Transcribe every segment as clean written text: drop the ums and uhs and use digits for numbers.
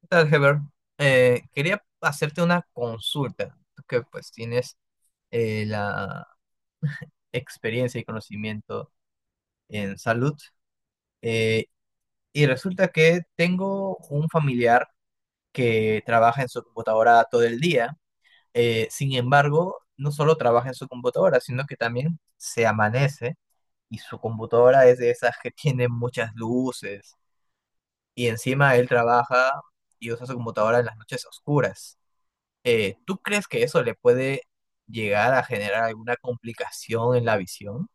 ¿Qué tal, Heber? Quería hacerte una consulta, tú que pues tienes la experiencia y conocimiento en salud. eh, y resulta que tengo un familiar que trabaja en su computadora todo el día. Sin embargo, no solo trabaja en su computadora, sino que también se amanece y su computadora es de esas que tiene muchas luces. Y encima él trabaja y usa su computadora en las noches oscuras. ¿Tú crees que eso le puede llegar a generar alguna complicación en la visión?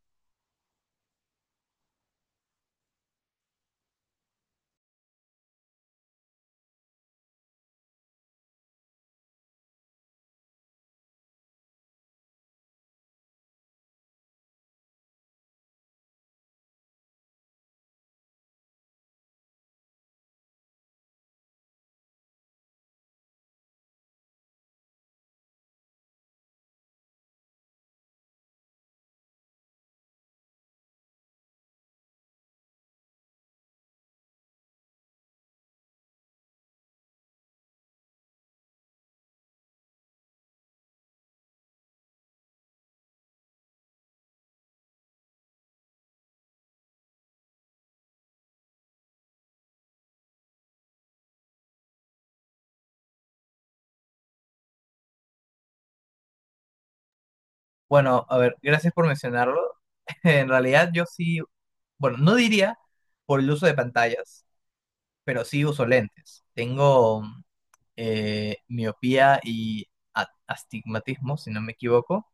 Bueno, a ver, gracias por mencionarlo. En realidad yo sí, bueno, no diría por el uso de pantallas, pero sí uso lentes. Tengo miopía y astigmatismo, si no me equivoco.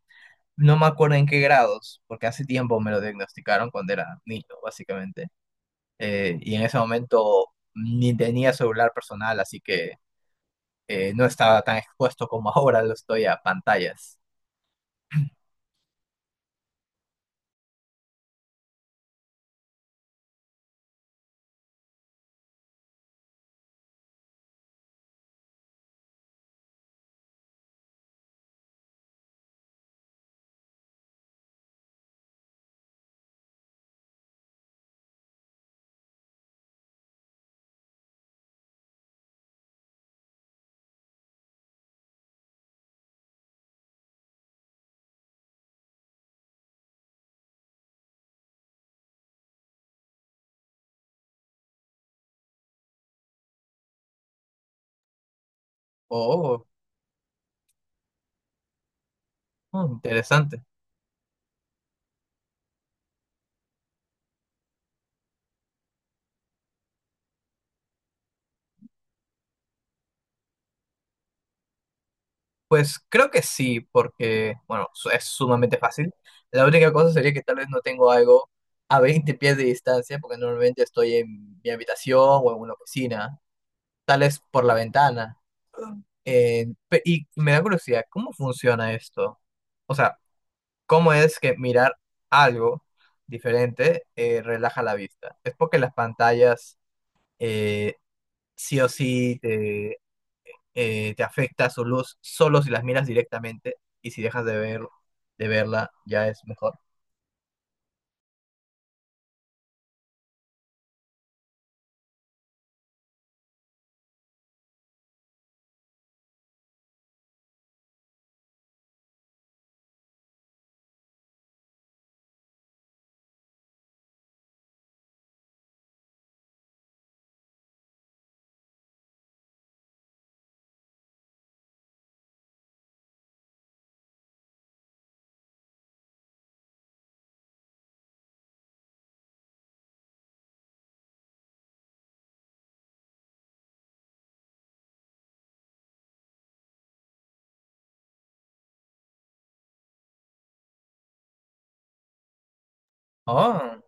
No me acuerdo en qué grados, porque hace tiempo me lo diagnosticaron cuando era niño, básicamente. Y en ese momento ni tenía celular personal, así que no estaba tan expuesto como ahora lo estoy a pantallas. Oh, mm, interesante. Pues creo que sí, porque, bueno, es sumamente fácil. La única cosa sería que tal vez no tengo algo a 20 pies de distancia, porque normalmente estoy en mi habitación o en una oficina, tal vez por la ventana. Y me da curiosidad, ¿cómo funciona esto? O sea, ¿cómo es que mirar algo diferente relaja la vista? ¿Es porque las pantallas eh, sí o sí te afecta su luz solo si las miras directamente y si de verla ya es mejor. Oh,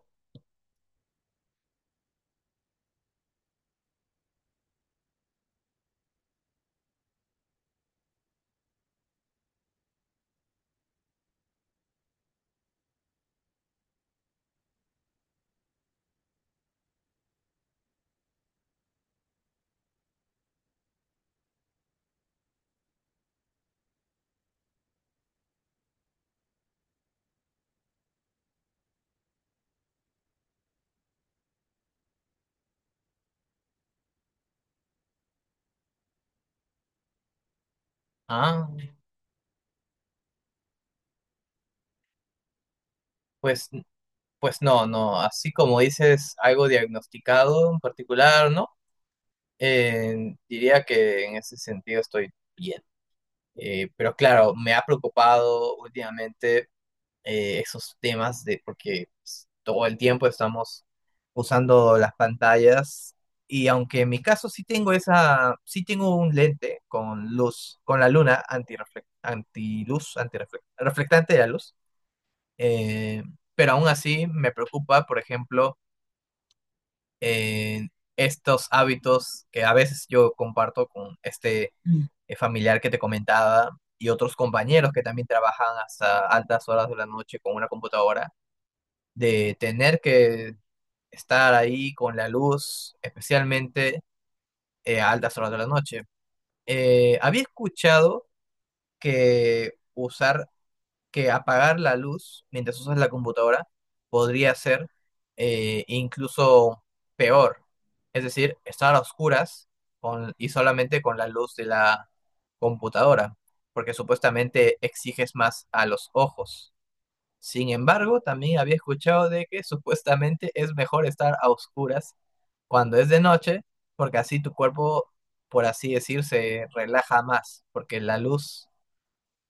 ah, pues, pues no, no, así como dices algo diagnosticado en particular, ¿no? Diría que en ese sentido estoy bien. Pero claro, me ha preocupado últimamente esos temas de porque pues, todo el tiempo estamos usando las pantallas y aunque en mi caso sí tengo un lente con luz, con la luna antiluz, reflectante de la luz, eh, pero aún así me preocupa, por ejemplo, eh, estos hábitos que a veces yo comparto con este familiar que te comentaba y otros compañeros que también trabajan hasta altas horas de la noche con una computadora de tener que estar ahí con la luz, especialmente a altas horas de la noche. Había escuchado que usar, que apagar la luz mientras usas la computadora podría ser incluso peor. Es decir, estar a oscuras y solamente con la luz de la computadora, porque supuestamente exiges más a los ojos. Sin embargo, también había escuchado de que supuestamente es mejor estar a oscuras cuando es de noche, porque así tu cuerpo, por así decir, se relaja más, porque la luz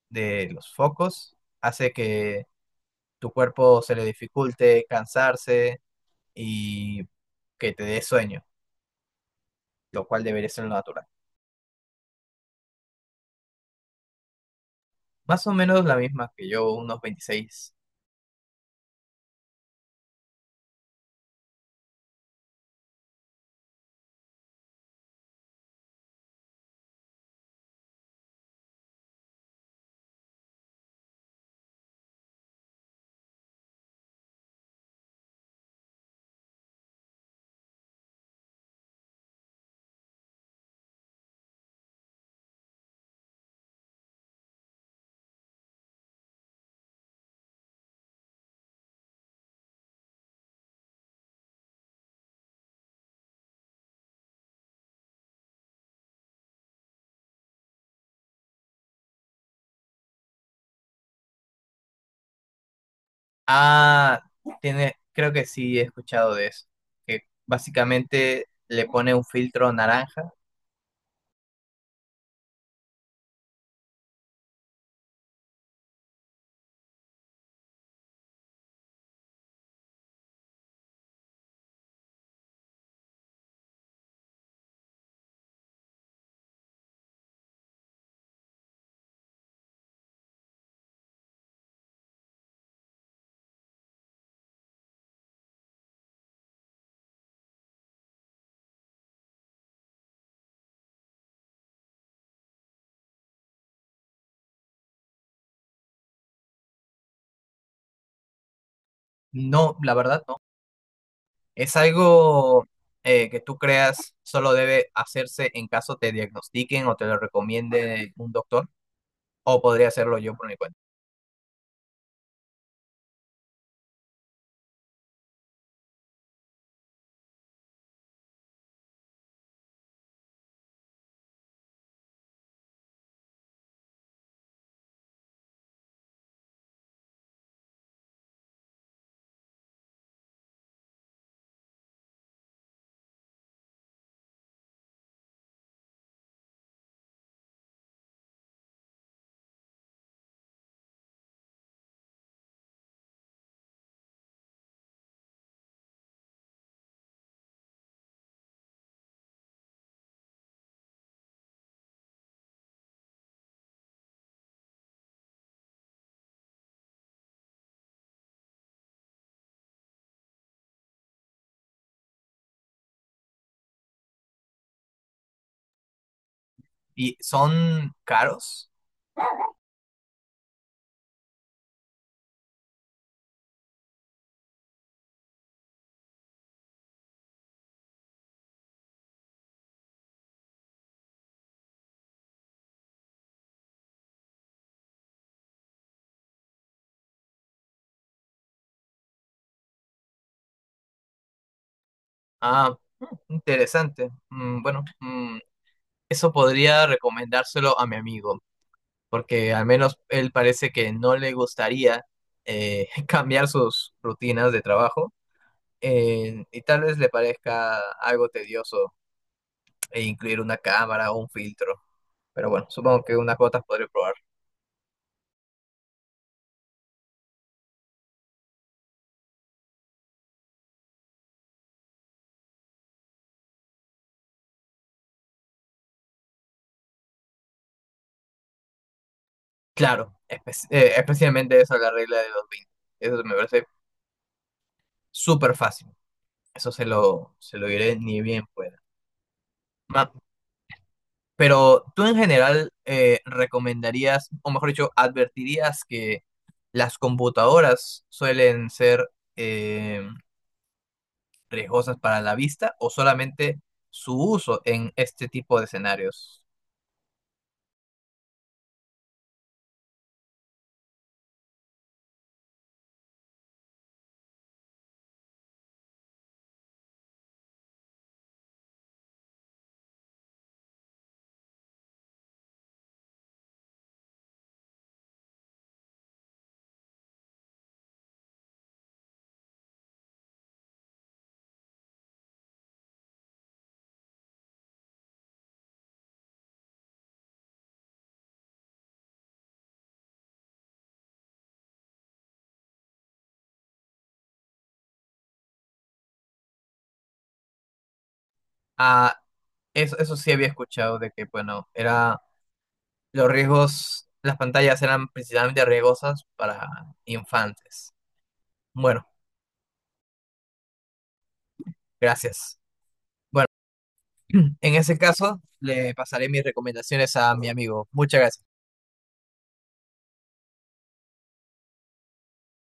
de los focos hace que tu cuerpo se le dificulte cansarse y que te dé sueño, lo cual debería ser lo natural. Más o menos la misma que yo, unos 26. Ah, tiene, creo que sí he escuchado de eso, que básicamente le pone un filtro naranja. No, la verdad no. Es algo que tú creas solo debe hacerse en caso te diagnostiquen o te lo recomiende un doctor, o podría hacerlo yo por mi cuenta. ¿Y son caros? Ah, mm, interesante. Mm, bueno, mm, eso podría recomendárselo a mi amigo, porque al menos él parece que no le gustaría cambiar sus rutinas de trabajo y tal vez le parezca algo tedioso e incluir una cámara o un filtro. Pero bueno, supongo que unas cuotas podré probar. Claro, especialmente esa la regla de los 20. Eso me parece súper fácil. Se lo diré ni bien pueda. Ma- Pero tú en general recomendarías, o mejor dicho, advertirías que las computadoras suelen ser eh, riesgosas para la vista o solamente su uso en este tipo de escenarios. Ah, eso sí había escuchado de que, bueno, era los riesgos, las pantallas eran principalmente riesgosas para infantes. Bueno, gracias. En ese caso, le pasaré mis recomendaciones a mi amigo. Muchas gracias.